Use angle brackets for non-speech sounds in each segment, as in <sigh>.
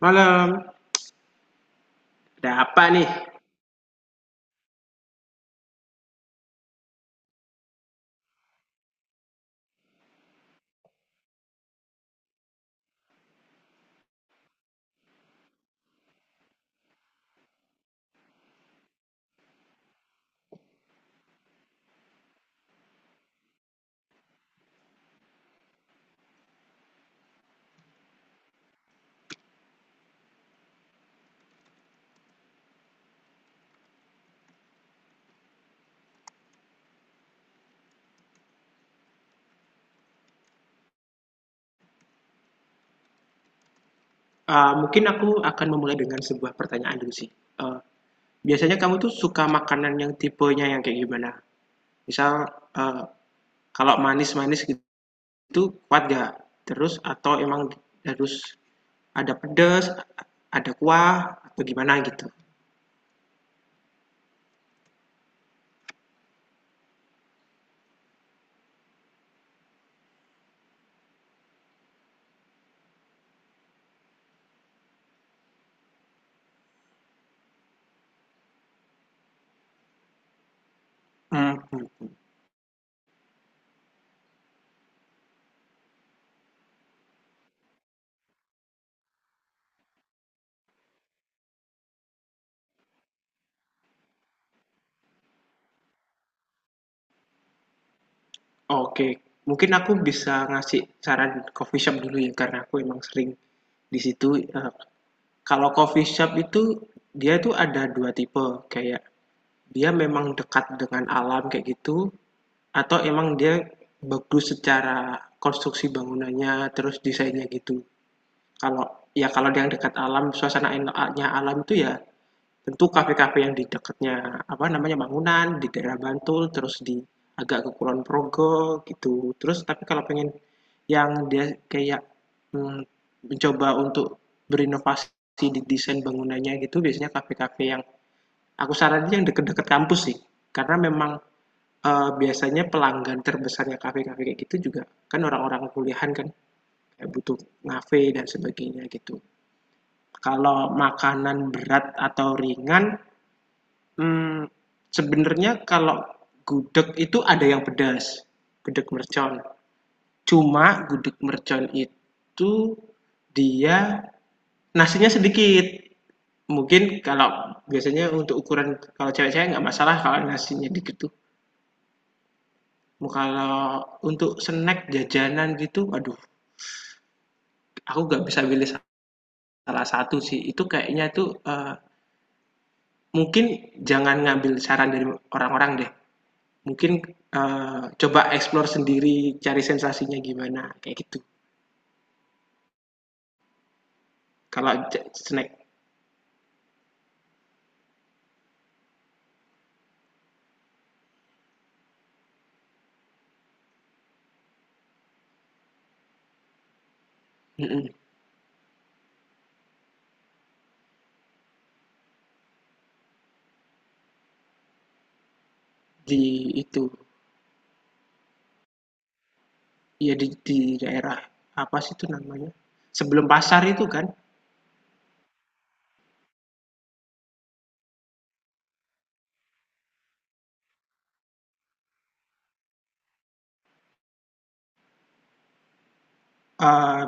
Malam. Ada apa nih? Mungkin aku akan memulai dengan sebuah pertanyaan dulu sih. Eh, Biasanya kamu tuh suka makanan yang tipenya yang kayak gimana? Misal eh, kalau manis-manis gitu kuat gak? Terus atau emang harus ada pedas, ada kuah atau gimana gitu? Mhm. Oke, mungkin aku bisa ngasih saran coffee shop dulu ya karena aku emang sering di situ. Kalau coffee shop itu dia tuh ada dua tipe, kayak dia memang dekat dengan alam kayak gitu atau emang dia bagus secara konstruksi bangunannya terus desainnya gitu. Kalau ya kalau yang dekat alam, suasananya alam itu ya tentu kafe-kafe yang di dekatnya apa namanya bangunan di daerah Bantul terus di agak ke Kulon Progo gitu. Terus tapi kalau pengen yang dia kayak mm, mencoba untuk berinovasi di desain bangunannya gitu, biasanya kafe-kafe yang aku saranin yang deket-deket kampus sih, karena memang biasanya pelanggan terbesarnya kafe-kafe kayak gitu juga kan orang-orang kuliahan kan, kayak butuh ngafe dan sebagainya gitu. Kalau makanan berat atau ringan, hmm, sebenarnya kalau gudeg itu ada yang pedas, gudeg mercon. Cuma gudeg mercon itu dia nasinya sedikit. Mungkin kalau biasanya untuk ukuran kalau cewek-cewek nggak masalah kalau nasinya dikit. Kalau untuk snack, jajanan gitu, aduh aku nggak bisa pilih salah satu sih. Itu kayaknya tuh, mungkin jangan ngambil saran dari orang-orang deh. Mungkin, coba explore sendiri, cari sensasinya gimana, kayak gitu. Kalau ja snack mhm, di itu, ya di daerah apa sih itu namanya, sebelum pasar itu kan, eee,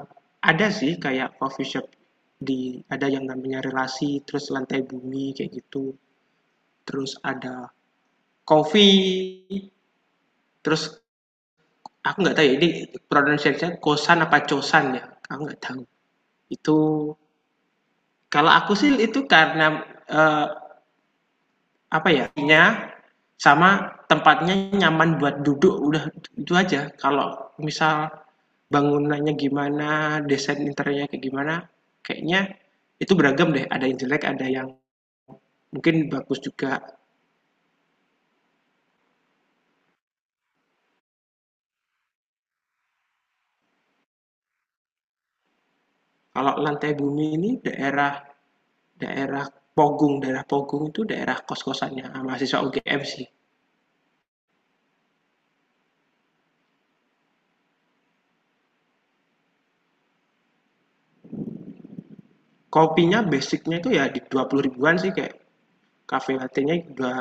ada sih kayak coffee shop di, ada yang namanya Relasi, terus Lantai Bumi, kayak gitu. Terus ada Coffee, terus aku nggak tahu ya ini pronunciation Kosan apa Cosan ya, aku nggak tahu. Itu kalau aku sih itu karena eh, apa ya, nya sama tempatnya nyaman buat duduk udah itu aja. Kalau misal bangunannya gimana, desain interiornya kayak gimana, kayaknya itu beragam deh. Ada yang jelek, ada yang mungkin bagus juga. Kalau lantai bumi ini daerah daerah Pogung itu daerah kos-kosannya ah, mahasiswa UGM sih. Kopinya basicnya itu ya di 20 ribuan sih, kayak cafe latte-nya dua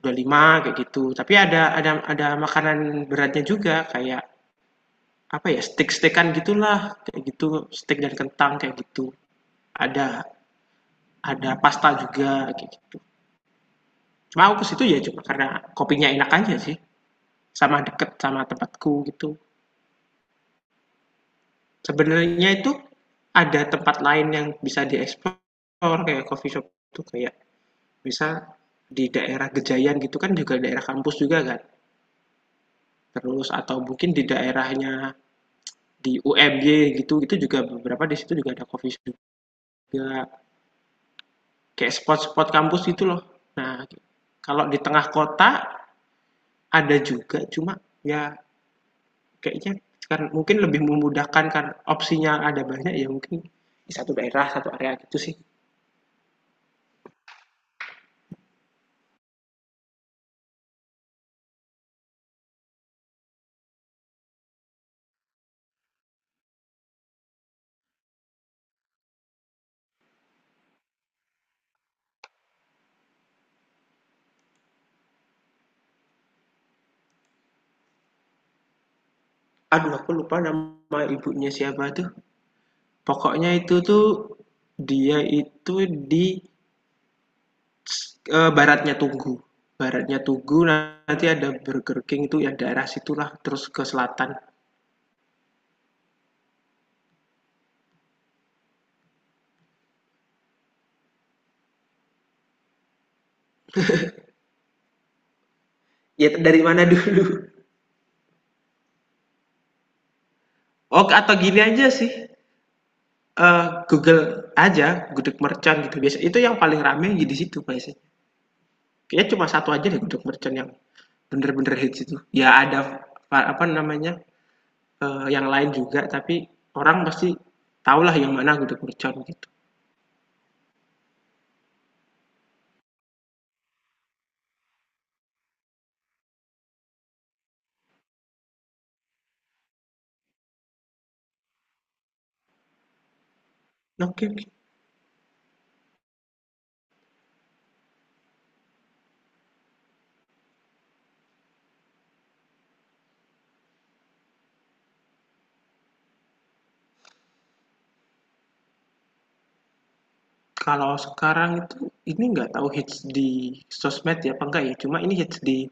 puluh lima kayak gitu. Tapi ada makanan beratnya juga kayak apa ya, steak-steakan gitulah kayak gitu, steak dan kentang kayak gitu. Ada ada pasta juga kayak gitu. Cuma aku ke situ ya cuma karena kopinya enak aja sih, sama deket sama tempatku gitu. Sebenarnya itu ada tempat lain yang bisa dieksplor, kayak coffee shop itu kayak bisa di daerah Gejayan gitu kan juga daerah kampus juga kan. Terus atau mungkin di daerahnya di UMY gitu, itu juga beberapa di situ juga ada coffee shop juga. Kayak spot-spot kampus gitu loh. Nah, kalau di tengah kota ada juga, cuma ya kayaknya kan mungkin lebih memudahkan kan opsinya ada banyak ya mungkin di satu daerah, satu area gitu sih. Aduh, aku lupa nama ibunya siapa tuh. Pokoknya itu tuh dia itu di baratnya Tugu. Baratnya Tugu nanti ada Burger King, itu ya daerah situlah terus ke selatan. Ya dari mana <laughs> dulu? Oh, atau gini aja sih. Google aja gudeg mercon gitu biasa. Itu yang paling rame di situ biasanya. Kayaknya cuma satu aja deh gudeg mercon yang bener-bener hits itu. Ya ada apa namanya? Yang lain juga, tapi orang pasti tahulah yang mana gudeg mercon gitu. Oke, oke. Kalau sekarang itu ini nggak tahu hits di sosmed ya apa enggak ya, cuma ini hits di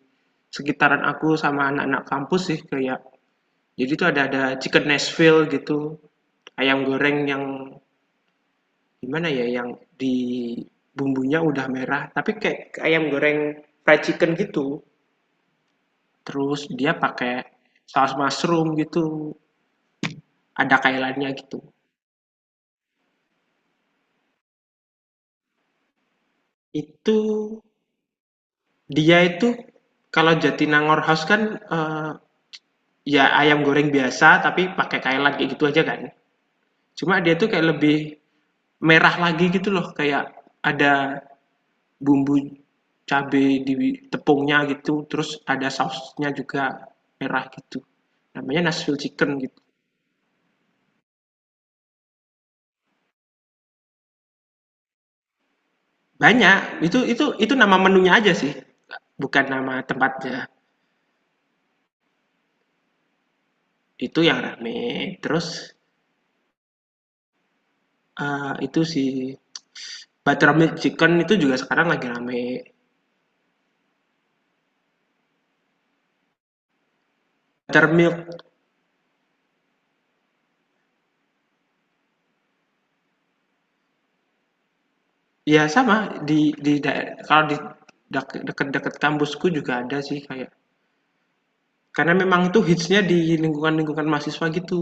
sekitaran aku sama anak-anak kampus sih, kayak jadi tuh ada chicken Nashville gitu, ayam goreng yang gimana ya, yang di bumbunya udah merah, tapi kayak ayam goreng fried chicken gitu. Terus dia pakai saus mushroom gitu, ada kailannya gitu. Itu dia itu kalau Jatinangor House kan, ya ayam goreng biasa tapi pakai kailan kayak gitu aja kan. Cuma dia tuh kayak lebih merah lagi gitu loh, kayak ada bumbu cabai di tepungnya gitu, terus ada sausnya juga merah gitu. Namanya Nashville Chicken gitu. Banyak, itu nama menunya aja sih, bukan nama tempatnya. Itu yang rame, terus, itu sih Buttermilk Chicken itu juga sekarang lagi rame. Buttermilk, ya sama di kalau di deket-deket kampusku juga ada sih, kayak karena memang itu hitsnya di lingkungan-lingkungan mahasiswa gitu,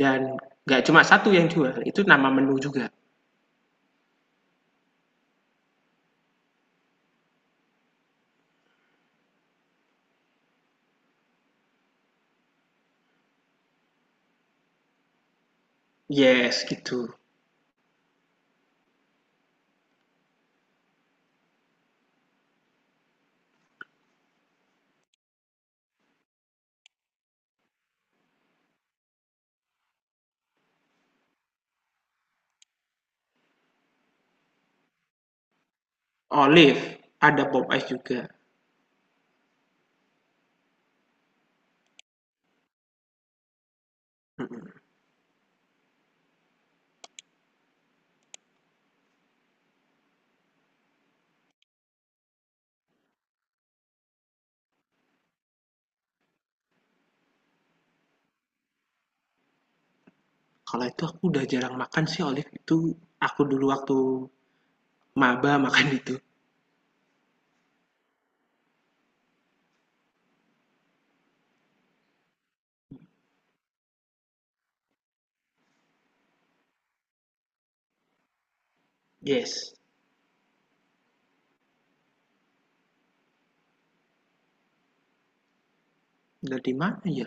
dan nggak cuma satu yang jual, itu nama menu juga. Yes, gitu. Olive, ada Pop Ice juga, mhm. Kalau itu aku udah jarang makan sih olive itu, aku dulu waktu maba makan itu. Yes. Dari mana ya?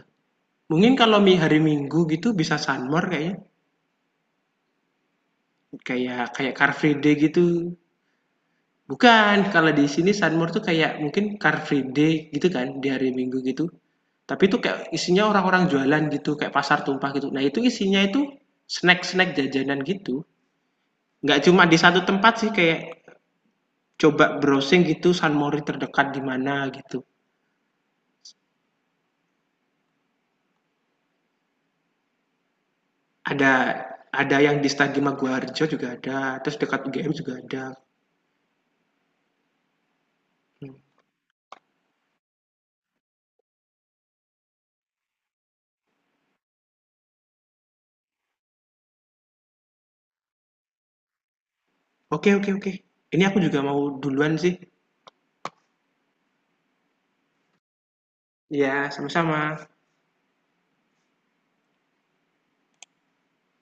Mungkin kalau mi hari Minggu gitu bisa Sunmor kayaknya, kayak kayak Car Free Day gitu. Bukan, kalau di sini Sunmore tuh kayak mungkin Car Free Day gitu kan, di hari Minggu gitu. Tapi itu kayak isinya orang-orang jualan gitu, kayak pasar tumpah gitu. Nah, itu isinya itu snack-snack jajanan gitu. Nggak cuma di satu tempat sih, kayak coba browsing gitu Sunmori terdekat di mana gitu. Ada ada yang di Stadion Maguwarjo juga ada, terus dekat UGM juga ada. Oke, oke, oke. Ini aku juga mau duluan sih. Ya, sama-sama.